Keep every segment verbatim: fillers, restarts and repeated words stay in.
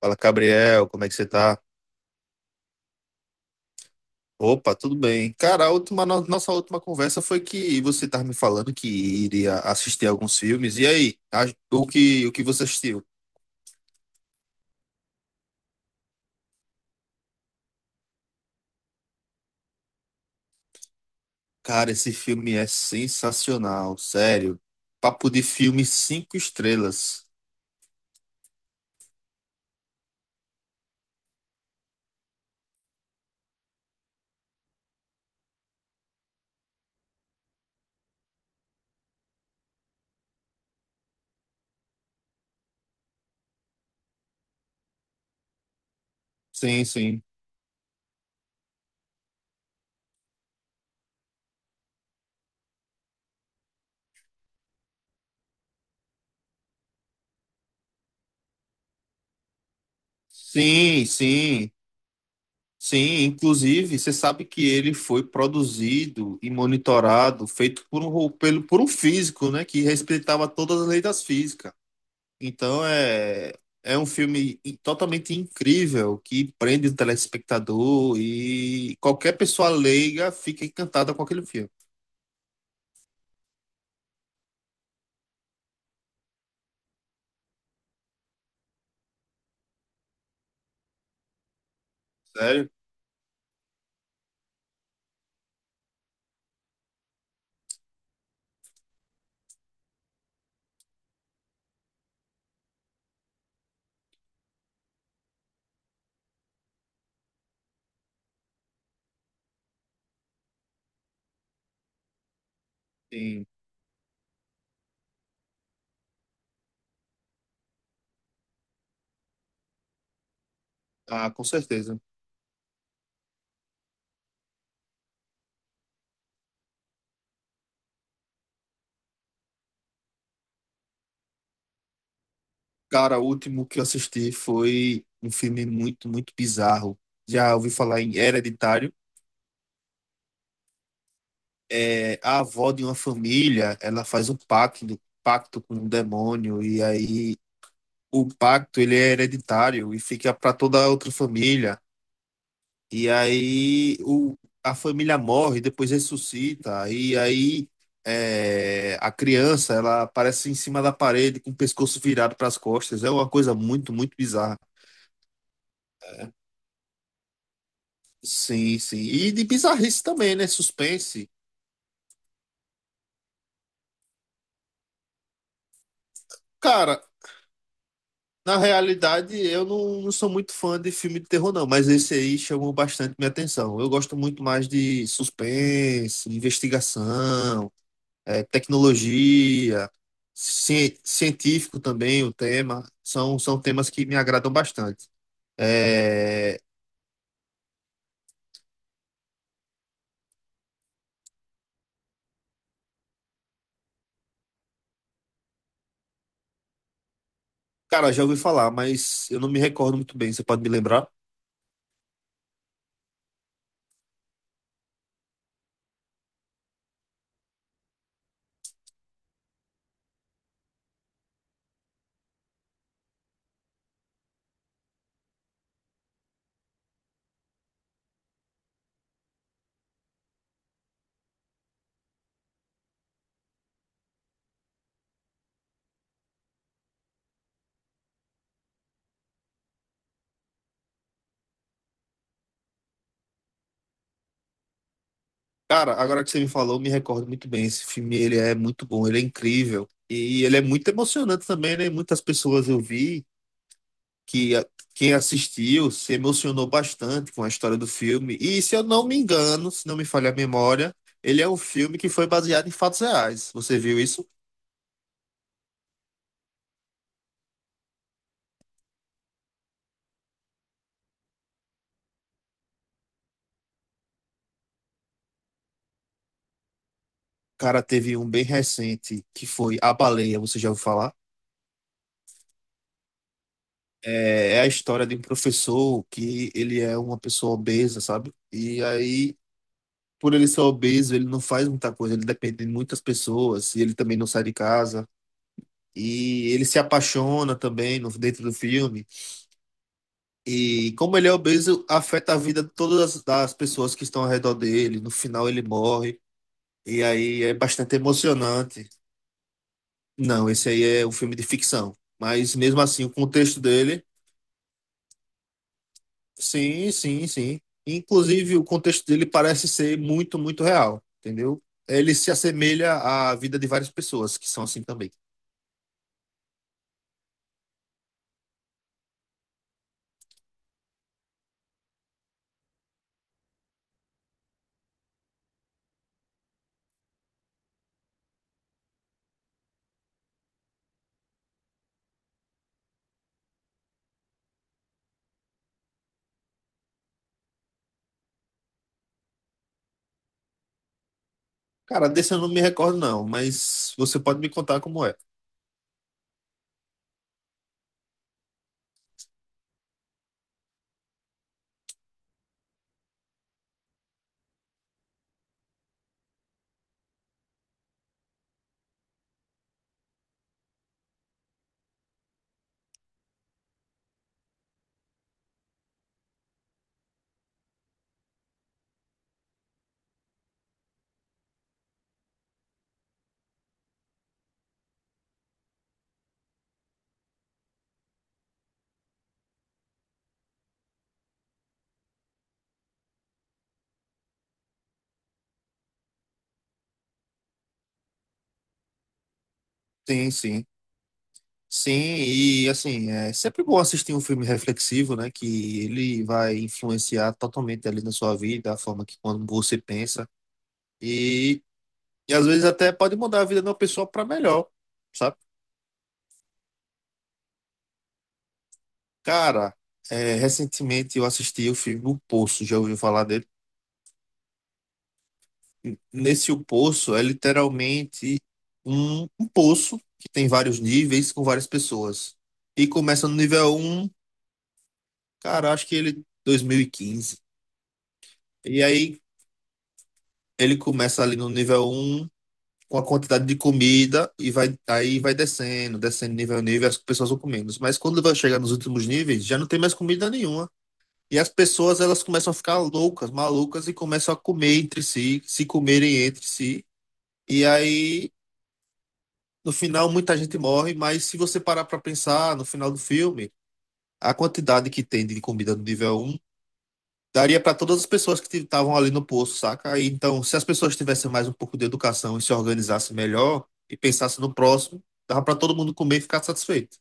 Fala, Gabriel, como é que você tá? Opa, tudo bem. Cara, a última, no- nossa última conversa foi que você estava me falando que iria assistir alguns filmes. E aí, a- o que, o que você assistiu? Cara, esse filme é sensacional, sério. Papo de filme cinco estrelas. Sim, sim. Sim, sim. Sim, inclusive, você sabe que ele foi produzido e monitorado, feito por um, ro- pelo, por um físico, né, que respeitava todas as leis das físicas. Então é, é um filme i- totalmente incrível que prende o telespectador e qualquer pessoa leiga fica encantada com aquele filme. Sério? Sim. Ah, com certeza. Cara, o último que eu assisti foi um filme muito, muito bizarro. Já ouvi falar em Hereditário. É, a avó de uma família, ela faz um pacto, pacto com um demônio e aí o pacto ele é hereditário e fica para toda a outra família. E aí o, a família morre, depois ressuscita. E aí é, a criança, ela aparece em cima da parede com o pescoço virado para as costas. É uma coisa muito, muito bizarra. Sim, sim. E de bizarrice também, né? Suspense. Cara, na realidade, eu não, não sou muito fã de filme de terror, não, mas esse aí chamou bastante minha atenção. Eu gosto muito mais de suspense, investigação. É, tecnologia, cien- científico também o tema, são, são temas que me agradam bastante. É, cara, já ouvi falar, mas eu não me recordo muito bem, você pode me lembrar? Cara, agora que você me falou, eu me recordo muito bem. Esse filme, ele é muito bom, ele é incrível. E ele é muito emocionante também, né? Muitas pessoas eu vi que a- quem assistiu se emocionou bastante com a história do filme. E se eu não me engano, se não me falha a memória, ele é um filme que foi baseado em fatos reais. Você viu isso? Cara, teve um bem recente que foi A Baleia, você já ouviu falar? É, é a história de um professor que ele é uma pessoa obesa, sabe? E aí, por ele ser obeso, ele não faz muita coisa, ele depende de muitas pessoas, e ele também não sai de casa. E ele se apaixona também no, dentro do filme. E como ele é obeso, afeta a vida de todas as das pessoas que estão ao redor dele. No final, ele morre. E aí é bastante emocionante. Não, esse aí é um filme de ficção. Mas mesmo assim, o contexto dele. Sim, sim, sim. Inclusive, o contexto dele parece ser muito, muito real, entendeu? Ele se assemelha à vida de várias pessoas que são assim também. Cara, desse eu não me recordo, não, mas você pode me contar como é. Sim, sim. Sim, e assim, é sempre bom assistir um filme reflexivo, né? Que ele vai influenciar totalmente ali na sua vida, a forma que quando você pensa. E, e às vezes até pode mudar a vida de uma pessoa para melhor, sabe? Cara, é, recentemente eu assisti o filme O Poço, já ouviu falar dele? Nesse O Poço é literalmente um, um poço que tem vários níveis com várias pessoas. E começa no nível um, cara, acho que ele dois mil e quinze. E quinze. E aí ele começa ali no nível um com a quantidade de comida e vai aí vai descendo, descendo nível a nível, as pessoas vão comendo. Mas quando vai chegar nos últimos níveis, já não tem mais comida nenhuma. E as pessoas elas começam a ficar loucas, malucas e começam a comer entre si, se comerem entre si. E aí, no final, muita gente morre, mas se você parar para pensar no final do filme, a quantidade que tem de comida no nível um daria para todas as pessoas que estavam ali no poço, saca? E então, se as pessoas tivessem mais um pouco de educação e se organizassem melhor e pensassem no próximo, dava para todo mundo comer e ficar satisfeito.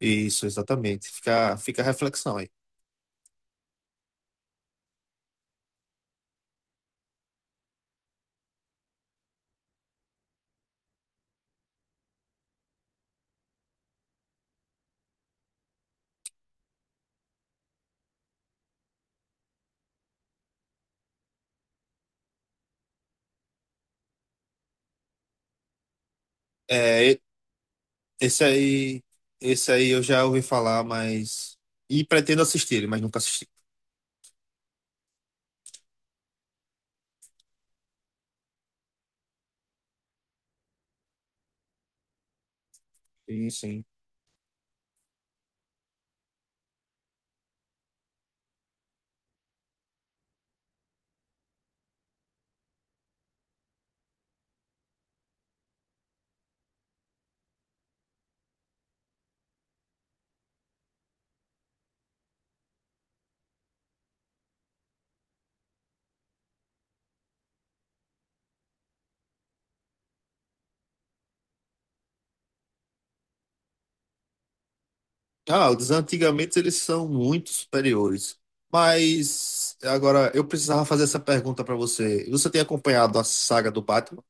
Isso, exatamente. Fica, fica a reflexão aí. É, Esse aí, esse aí eu já ouvi falar, mas. E pretendo assistir mas nunca assisti. Sim, sim. Ah, os antigamente eles são muito superiores. Mas agora eu precisava fazer essa pergunta pra você. Você tem acompanhado a saga do Batman?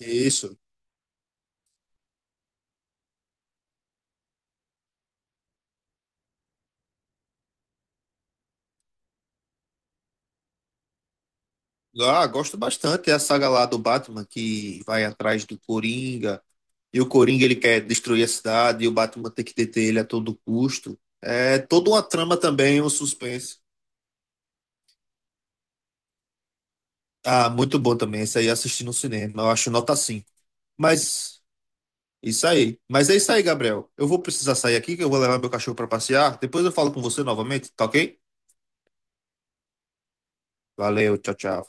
Isso. Ah, gosto bastante. É a saga lá do Batman que vai atrás do Coringa. E o Coringa ele quer destruir a cidade e o Batman tem que deter ele a todo custo. É toda uma trama também, um suspense. Ah, muito bom também. Esse aí assisti no cinema. Eu acho nota cinco. Mas isso aí. Mas é isso aí, Gabriel. Eu vou precisar sair aqui, que eu vou levar meu cachorro para passear. Depois eu falo com você novamente, tá ok? Valeu, tchau, tchau.